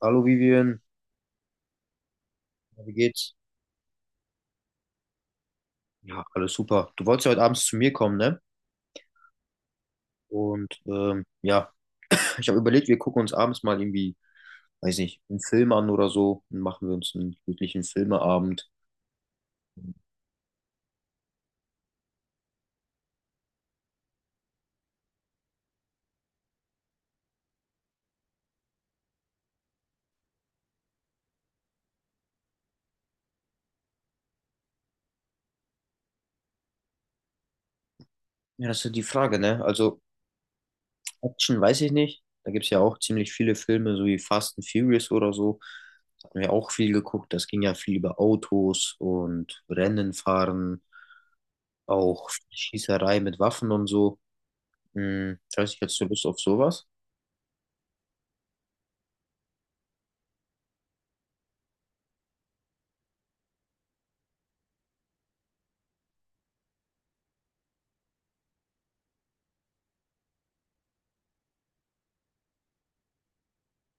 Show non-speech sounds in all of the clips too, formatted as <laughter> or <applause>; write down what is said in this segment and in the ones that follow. Hallo Vivian, ja, wie geht's? Ja, alles super. Du wolltest ja heute abends zu mir kommen, ne? Und ja, <laughs> ich habe überlegt, wir gucken uns abends mal irgendwie, weiß nicht, einen Film an oder so und machen wir uns einen glücklichen Filmeabend. Ja, das ist ja die Frage, ne? Also Action weiß ich nicht. Da gibt's ja auch ziemlich viele Filme, so wie Fast and Furious oder so. Da hatten wir auch viel geguckt. Das ging ja viel über Autos und Rennen fahren, auch Schießerei mit Waffen und so. Hm, ich weiß nicht, hättest du Lust auf sowas?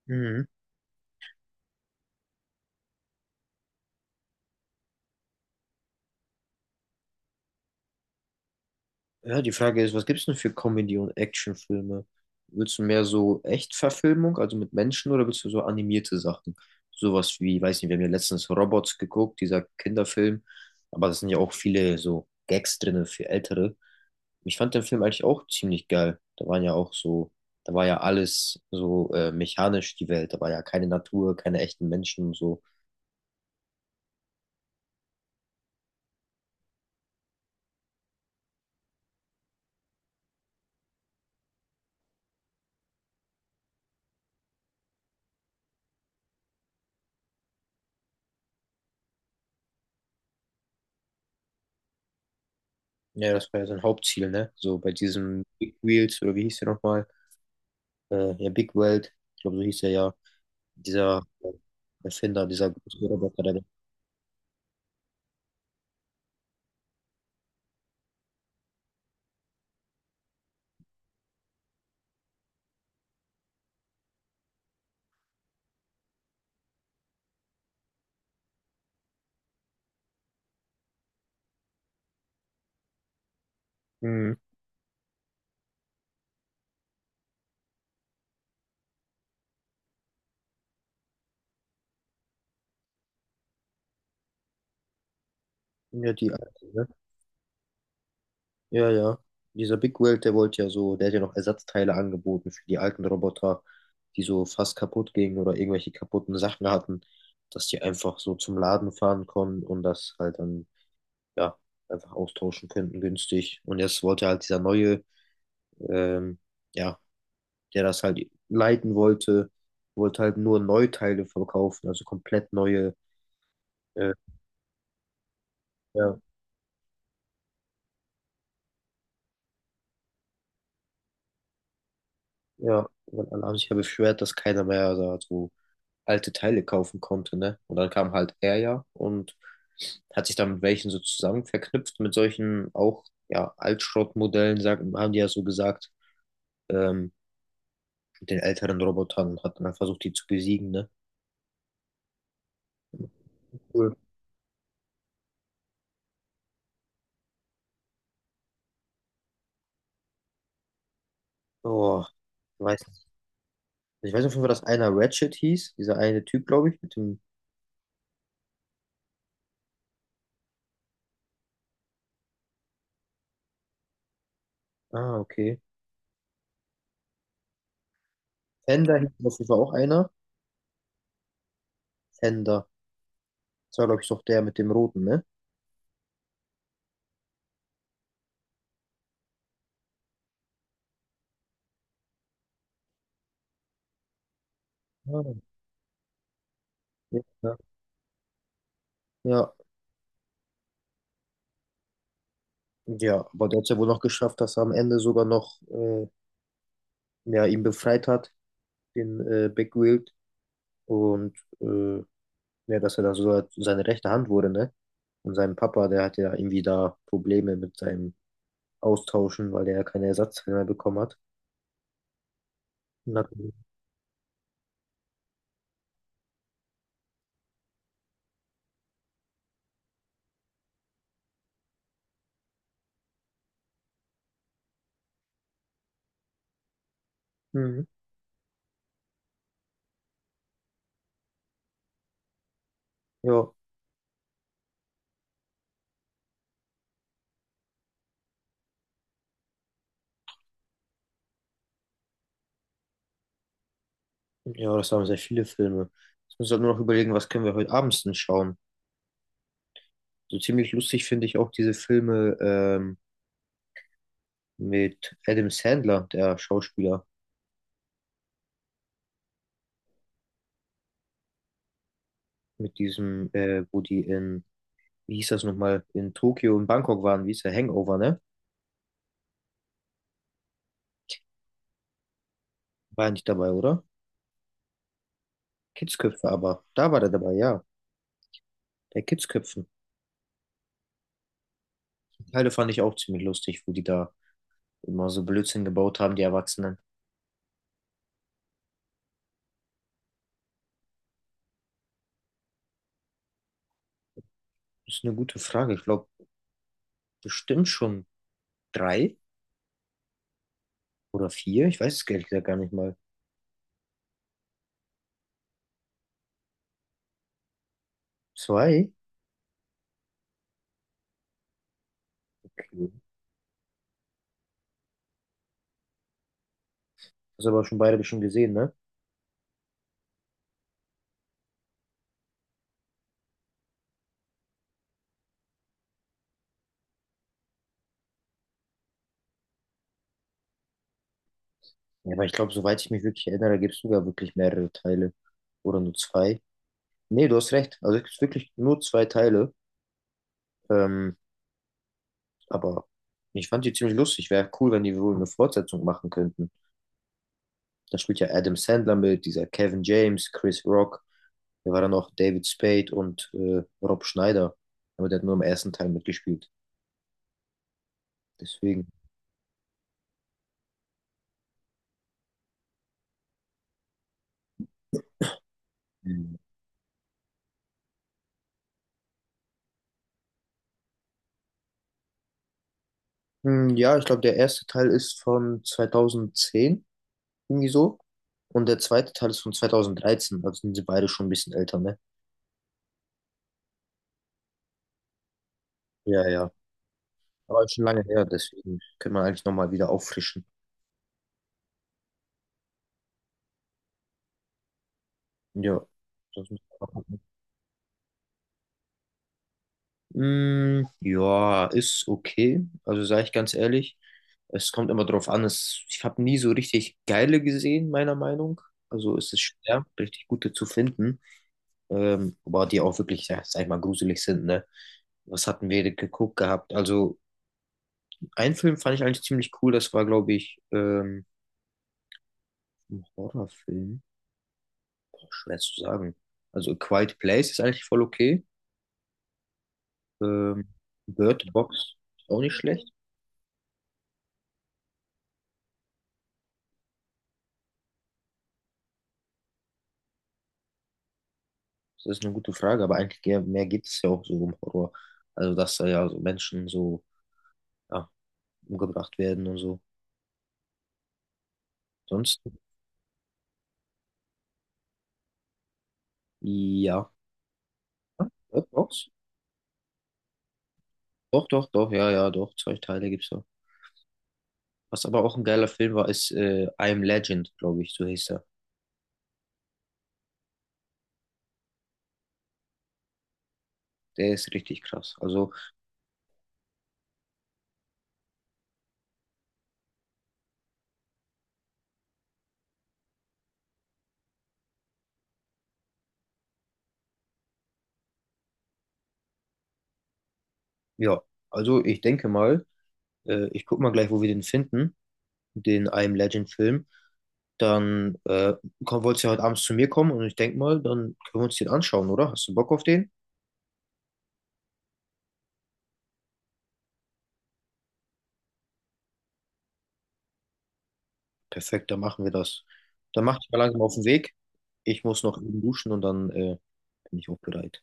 Mhm. Ja, die Frage ist, was gibt's denn für Comedy- und Actionfilme? Willst du mehr so Echtverfilmung, also mit Menschen, oder willst du so animierte Sachen? Sowas wie, weiß nicht, wir haben ja letztens Robots geguckt, dieser Kinderfilm, aber da sind ja auch viele so Gags drin für Ältere. Ich fand den Film eigentlich auch ziemlich geil. Da waren ja auch so, da war ja alles so mechanisch, die Welt. Da war ja keine Natur, keine echten Menschen und so. Ja, das war ja sein Hauptziel, ne? So bei diesem Big Wheels, oder wie hieß der nochmal? Ja, Big World, ich glaube, so hieß er ja. Dieser Erfinder, dieser große Roboter, der. Mhm. Ja, die alte, ne? Ja, ja. Dieser Big World, der wollte ja so, der hat ja noch Ersatzteile angeboten für die alten Roboter, die so fast kaputt gingen oder irgendwelche kaputten Sachen hatten, dass die einfach so zum Laden fahren konnten und das halt dann, ja, einfach austauschen könnten, günstig. Und jetzt wollte halt dieser neue, ähm, ja, der das halt leiten wollte, wollte halt nur Neuteile verkaufen, also komplett neue, äh, ja. Ja, weil alle haben sich ja beschwert, dass keiner mehr da so also alte Teile kaufen konnte, ne? Und dann kam halt er ja und hat sich dann mit welchen so zusammen verknüpft, mit solchen auch, ja, Altschrottmodellen, sagen, haben die ja so gesagt, ähm, mit den älteren Robotern und hat dann halt versucht, die zu besiegen, ne? Cool. Oh, ich weiß nicht. Ich weiß auf jeden Fall, dass einer Ratchet hieß, dieser eine Typ, glaube ich, mit dem, ah, okay. Fender hieß auf jeden Fall auch einer. Fender. Das war, glaube ich, doch der mit dem Roten, ne? Ah, ja. Ja, ja, aber der hat es ja wohl noch geschafft, dass er am Ende sogar noch ja, ihn befreit hat, den Big Wild. Und äh, ja, dass er dann sogar seine rechte Hand wurde, ne? Und sein Papa, der hatte ja irgendwie da Probleme mit seinem Austauschen, weil der ja keine Ersatzteile mehr bekommen hat. Und hat. Mhm. Ja, ja, das haben sehr viele Filme. Jetzt müssen wir nur noch überlegen, was können wir heute abends denn schauen. So ziemlich lustig finde ich auch diese Filme mit Adam Sandler, der Schauspieler. Mit diesem, wo die in, wie hieß das nochmal, in Tokio und Bangkok waren, wie hieß der Hangover, ne? War er nicht dabei, oder? Kidsköpfe aber. Da war der dabei, ja. Bei Kidsköpfen. Die Teile fand ich auch ziemlich lustig, wo die da immer so Blödsinn gebaut haben, die Erwachsenen. Das ist eine gute Frage. Ich glaube, bestimmt schon drei oder vier. Ich weiß es ehrlich gesagt gar nicht mal. Zwei? Okay. Hast aber schon beide schon gesehen, ne? Ja, aber ich glaube, soweit ich mich wirklich erinnere, gibt es sogar wirklich mehrere Teile. Oder nur zwei. Nee, du hast recht. Also es gibt wirklich nur zwei Teile. Ähm, aber ich fand die ziemlich lustig. Wäre cool, wenn die wohl eine Fortsetzung machen könnten. Da spielt ja Adam Sandler mit, dieser Kevin James, Chris Rock. Da war dann noch David Spade und Rob Schneider. Aber der hat nur im ersten Teil mitgespielt. Deswegen. ähm, Ja, ich glaube, der erste Teil ist von 2010 irgendwie so. Und der zweite Teil ist von 2013. Also sind sie beide schon ein bisschen älter, ne? Ja, ja. Aber schon lange her, deswegen können wir eigentlich nochmal wieder auffrischen. Ja. Das müssen wir machen. Ja, ist okay. Also sage ich ganz ehrlich, es, kommt immer drauf an. Ich habe nie so richtig geile gesehen, meiner Meinung. Also ist es schwer, richtig gute zu finden. Aber die auch wirklich, ja, sag ich mal, gruselig sind, ne? Was hatten wir denn geguckt gehabt? Also, einen Film fand ich eigentlich ziemlich cool. Das war, glaube ich, ein Horrorfilm. Boah, schwer zu sagen. Also, A Quiet Place ist eigentlich voll okay. Ähm, Bird Box ist auch nicht schlecht. Das ist eine gute Frage, aber eigentlich mehr geht es ja auch so um Horror. Also, dass da ja so Menschen so ja, umgebracht werden und so. Sonst, ja. Ja, doch, doch, doch, doch, ja, ja, doch, zwei Teile gibt's da. Was aber auch ein geiler Film war, ist I Am Legend, glaube ich, so hieß er. Der ist richtig krass. Also, ja, also ich denke mal, ich guck mal gleich, wo wir den finden, den I Am Legend Film. Dann komm, wolltest du ja heute abends zu mir kommen und ich denke mal, dann können wir uns den anschauen, oder? Hast du Bock auf den? Perfekt, dann machen wir das. Dann mach dich mal langsam auf den Weg. Ich muss noch eben duschen und dann bin ich auch bereit.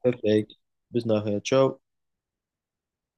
Perfekt. Bis nachher. Ciao.